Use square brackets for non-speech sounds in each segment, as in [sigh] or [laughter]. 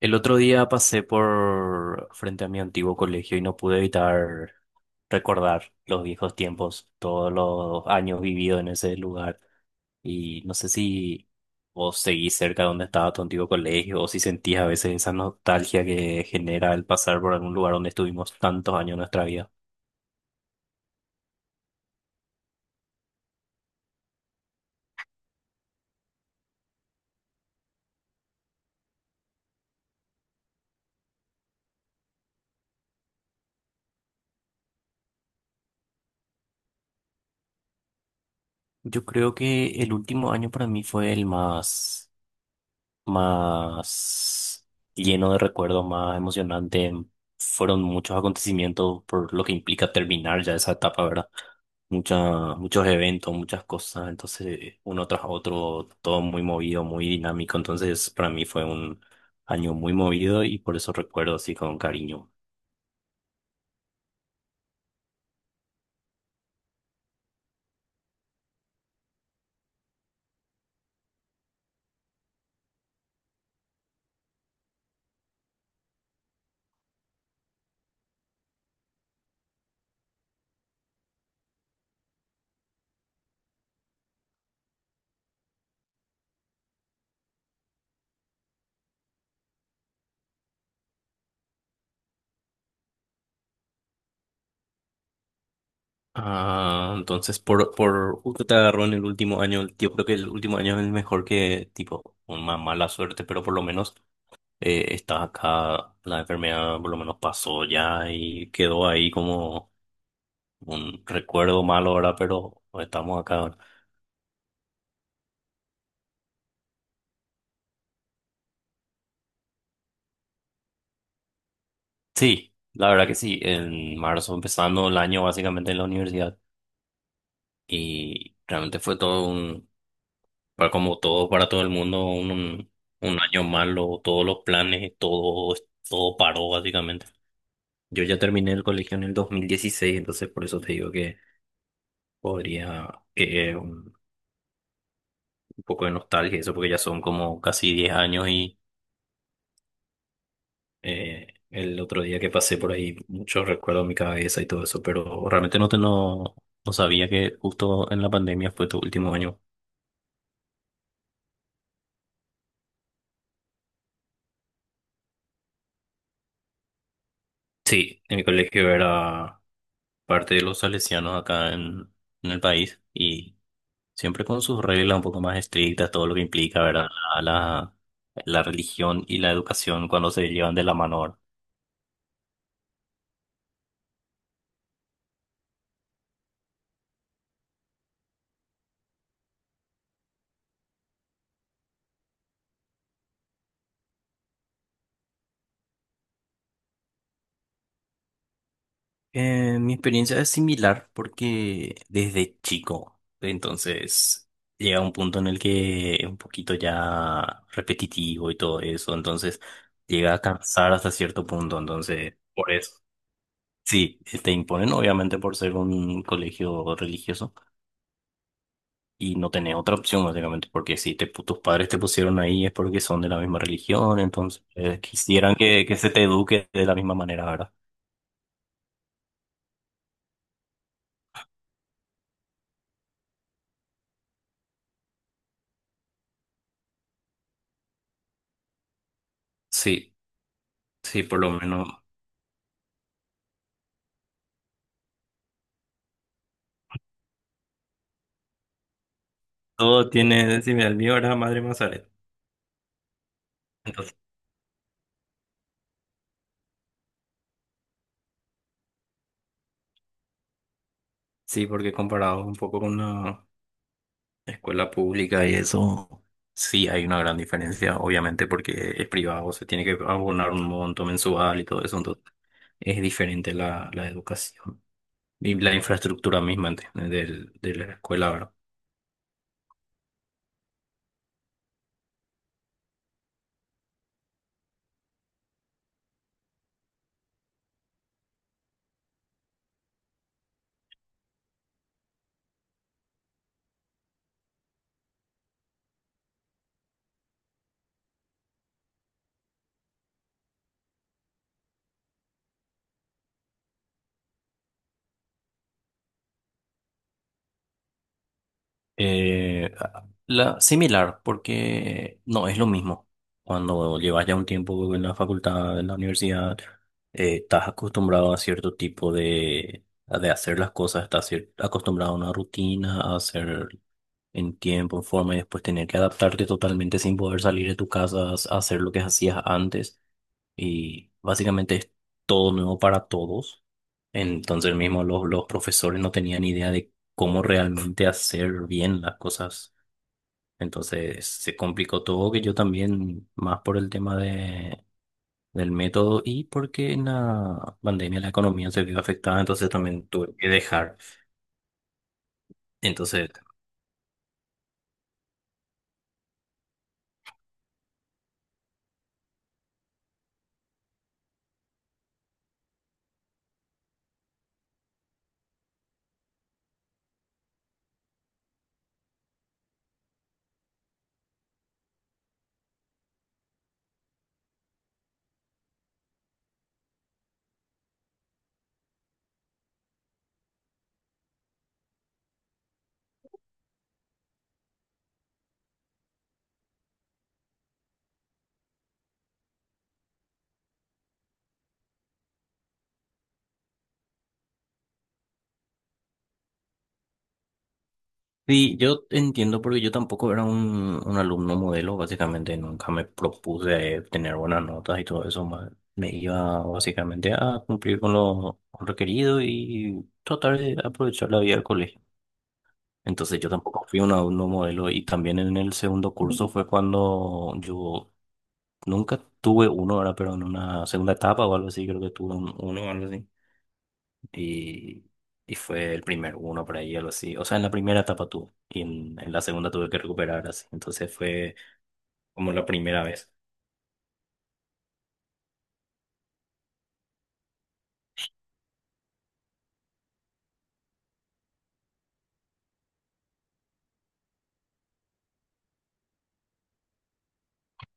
El otro día pasé por frente a mi antiguo colegio y no pude evitar recordar los viejos tiempos, todos los años vividos en ese lugar. Y no sé si vos seguís cerca de donde estaba tu antiguo colegio o si sentís a veces esa nostalgia que genera el pasar por algún lugar donde estuvimos tantos años de nuestra vida. Yo creo que el último año para mí fue el más lleno de recuerdos, más emocionante. Fueron muchos acontecimientos por lo que implica terminar ya esa etapa, ¿verdad? Muchos eventos, muchas cosas, entonces uno tras otro, todo muy movido, muy dinámico, entonces para mí fue un año muy movido y por eso recuerdo así con cariño. Ah, entonces por justo te agarró en el último año, yo creo que el último año es el mejor que tipo, una mala suerte, pero por lo menos está acá, la enfermedad por lo menos pasó ya y quedó ahí como un recuerdo malo ahora, pero estamos acá ahora. Sí, la verdad que sí, en marzo empezando el año básicamente en la universidad y realmente fue todo un, como todo para todo el mundo, un un año malo, todos los planes, todo, todo paró básicamente. Yo ya terminé el colegio en el 2016, entonces por eso te digo que podría, que un- un poco de nostalgia, eso porque ya son como casi 10 años y el otro día que pasé por ahí, muchos recuerdos en mi cabeza y todo eso, pero realmente no, te, no, no sabía que justo en la pandemia fue tu último año. Sí, en mi colegio era parte de los salesianos en el país y siempre con sus reglas un poco más estrictas, todo lo que implica, ¿verdad? La, la, la religión y la educación cuando se llevan de la mano, ¿verdad? Mi experiencia es similar porque desde chico, entonces llega un punto en el que es un poquito ya repetitivo y todo eso, entonces llega a cansar hasta cierto punto, entonces por eso. Sí, te imponen obviamente por ser un colegio religioso y no tenés otra opción básicamente, porque si te, pu- tus padres te pusieron ahí es porque son de la misma religión, entonces quisieran que se te eduque de la misma manera, ¿verdad? Sí, sí, por lo menos. Todo tiene, si me mío era Madre Mazaret. Entonces, sí, porque comparado un poco con la escuela pública y eso, sí hay una gran diferencia, obviamente, porque es privado, se tiene que abonar un monto mensual y todo eso, entonces es diferente la educación y la infraestructura misma de la escuela, ¿verdad? Eh, Similar, porque no es lo mismo. Cuando llevas ya un tiempo en la facultad, en la universidad, estás acostumbrado a cierto tipo de hacer las cosas, acostumbrado a una rutina, a hacer en tiempo, en forma, y después tener que adaptarte totalmente sin poder salir de tu casa a hacer lo que hacías antes y básicamente es todo nuevo para todos. Entonces mismo los profesores no tenían idea de cómo realmente hacer bien las cosas. Entonces se complicó todo, que yo también, más por el tema del método y porque en la pandemia la economía se vio afectada, entonces también tuve que dejar. Entonces sí, yo entiendo porque yo tampoco era un alumno modelo, básicamente nunca me propuse tener buenas notas y todo eso, me iba básicamente a cumplir con lo requerido y tratar de aprovechar la vida del colegio. Entonces yo tampoco fui un alumno modelo y también en el segundo curso fue cuando yo nunca tuve uno, ahora pero en una segunda etapa o algo así, creo que tuve uno o algo así y, y fue el primer uno por ahí, algo así. O sea, en la primera etapa tuve y en la segunda tuve que recuperar así. Entonces fue como la primera vez.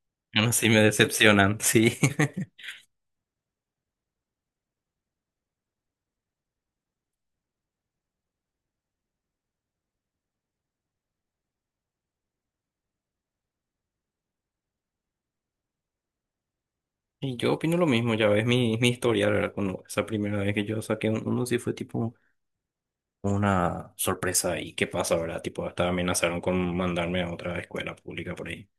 [laughs] Aún así me decepcionan, sí. [laughs] Y yo opino lo mismo, ya ves mi historia, ¿verdad? Con esa primera vez que yo saqué un uno, sí fue tipo una sorpresa. ¿Y qué pasa, verdad? Tipo, hasta amenazaron con mandarme a otra escuela pública por ahí.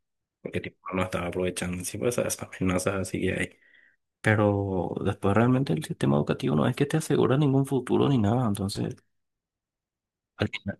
Porque tipo, no estaba aprovechando. Sí, pues esas amenazas así que hay. Pero después realmente el sistema educativo no es que te asegura ningún futuro ni nada, entonces al final...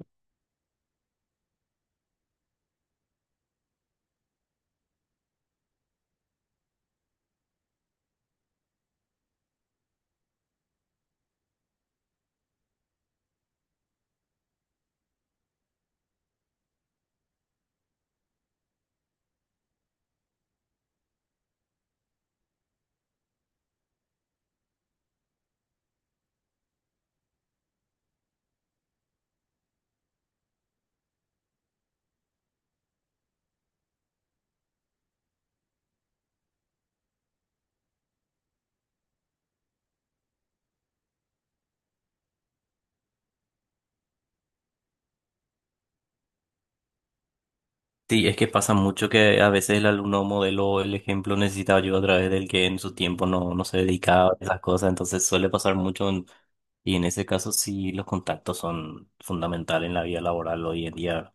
Sí, es que pasa mucho que a veces el alumno modelo, el ejemplo necesita ayuda a través del que en su tiempo no se dedicaba a esas cosas, entonces suele pasar mucho en... y en ese caso sí los contactos son fundamentales en la vida laboral hoy en día.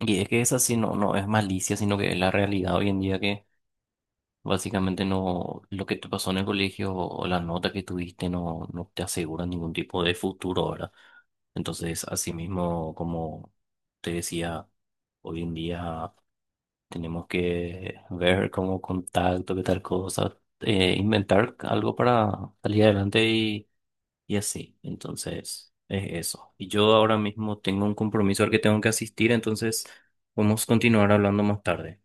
Y es que esa sí no es malicia, sino que es la realidad hoy en día que básicamente no, lo que te pasó en el colegio o la nota que tuviste no te asegura ningún tipo de futuro ahora. Entonces, asimismo, como te decía, hoy en día tenemos que ver cómo contacto, qué tal cosa, inventar algo para salir adelante y así. Entonces, es eso. Y yo ahora mismo tengo un compromiso al que tengo que asistir, entonces vamos a continuar hablando más tarde.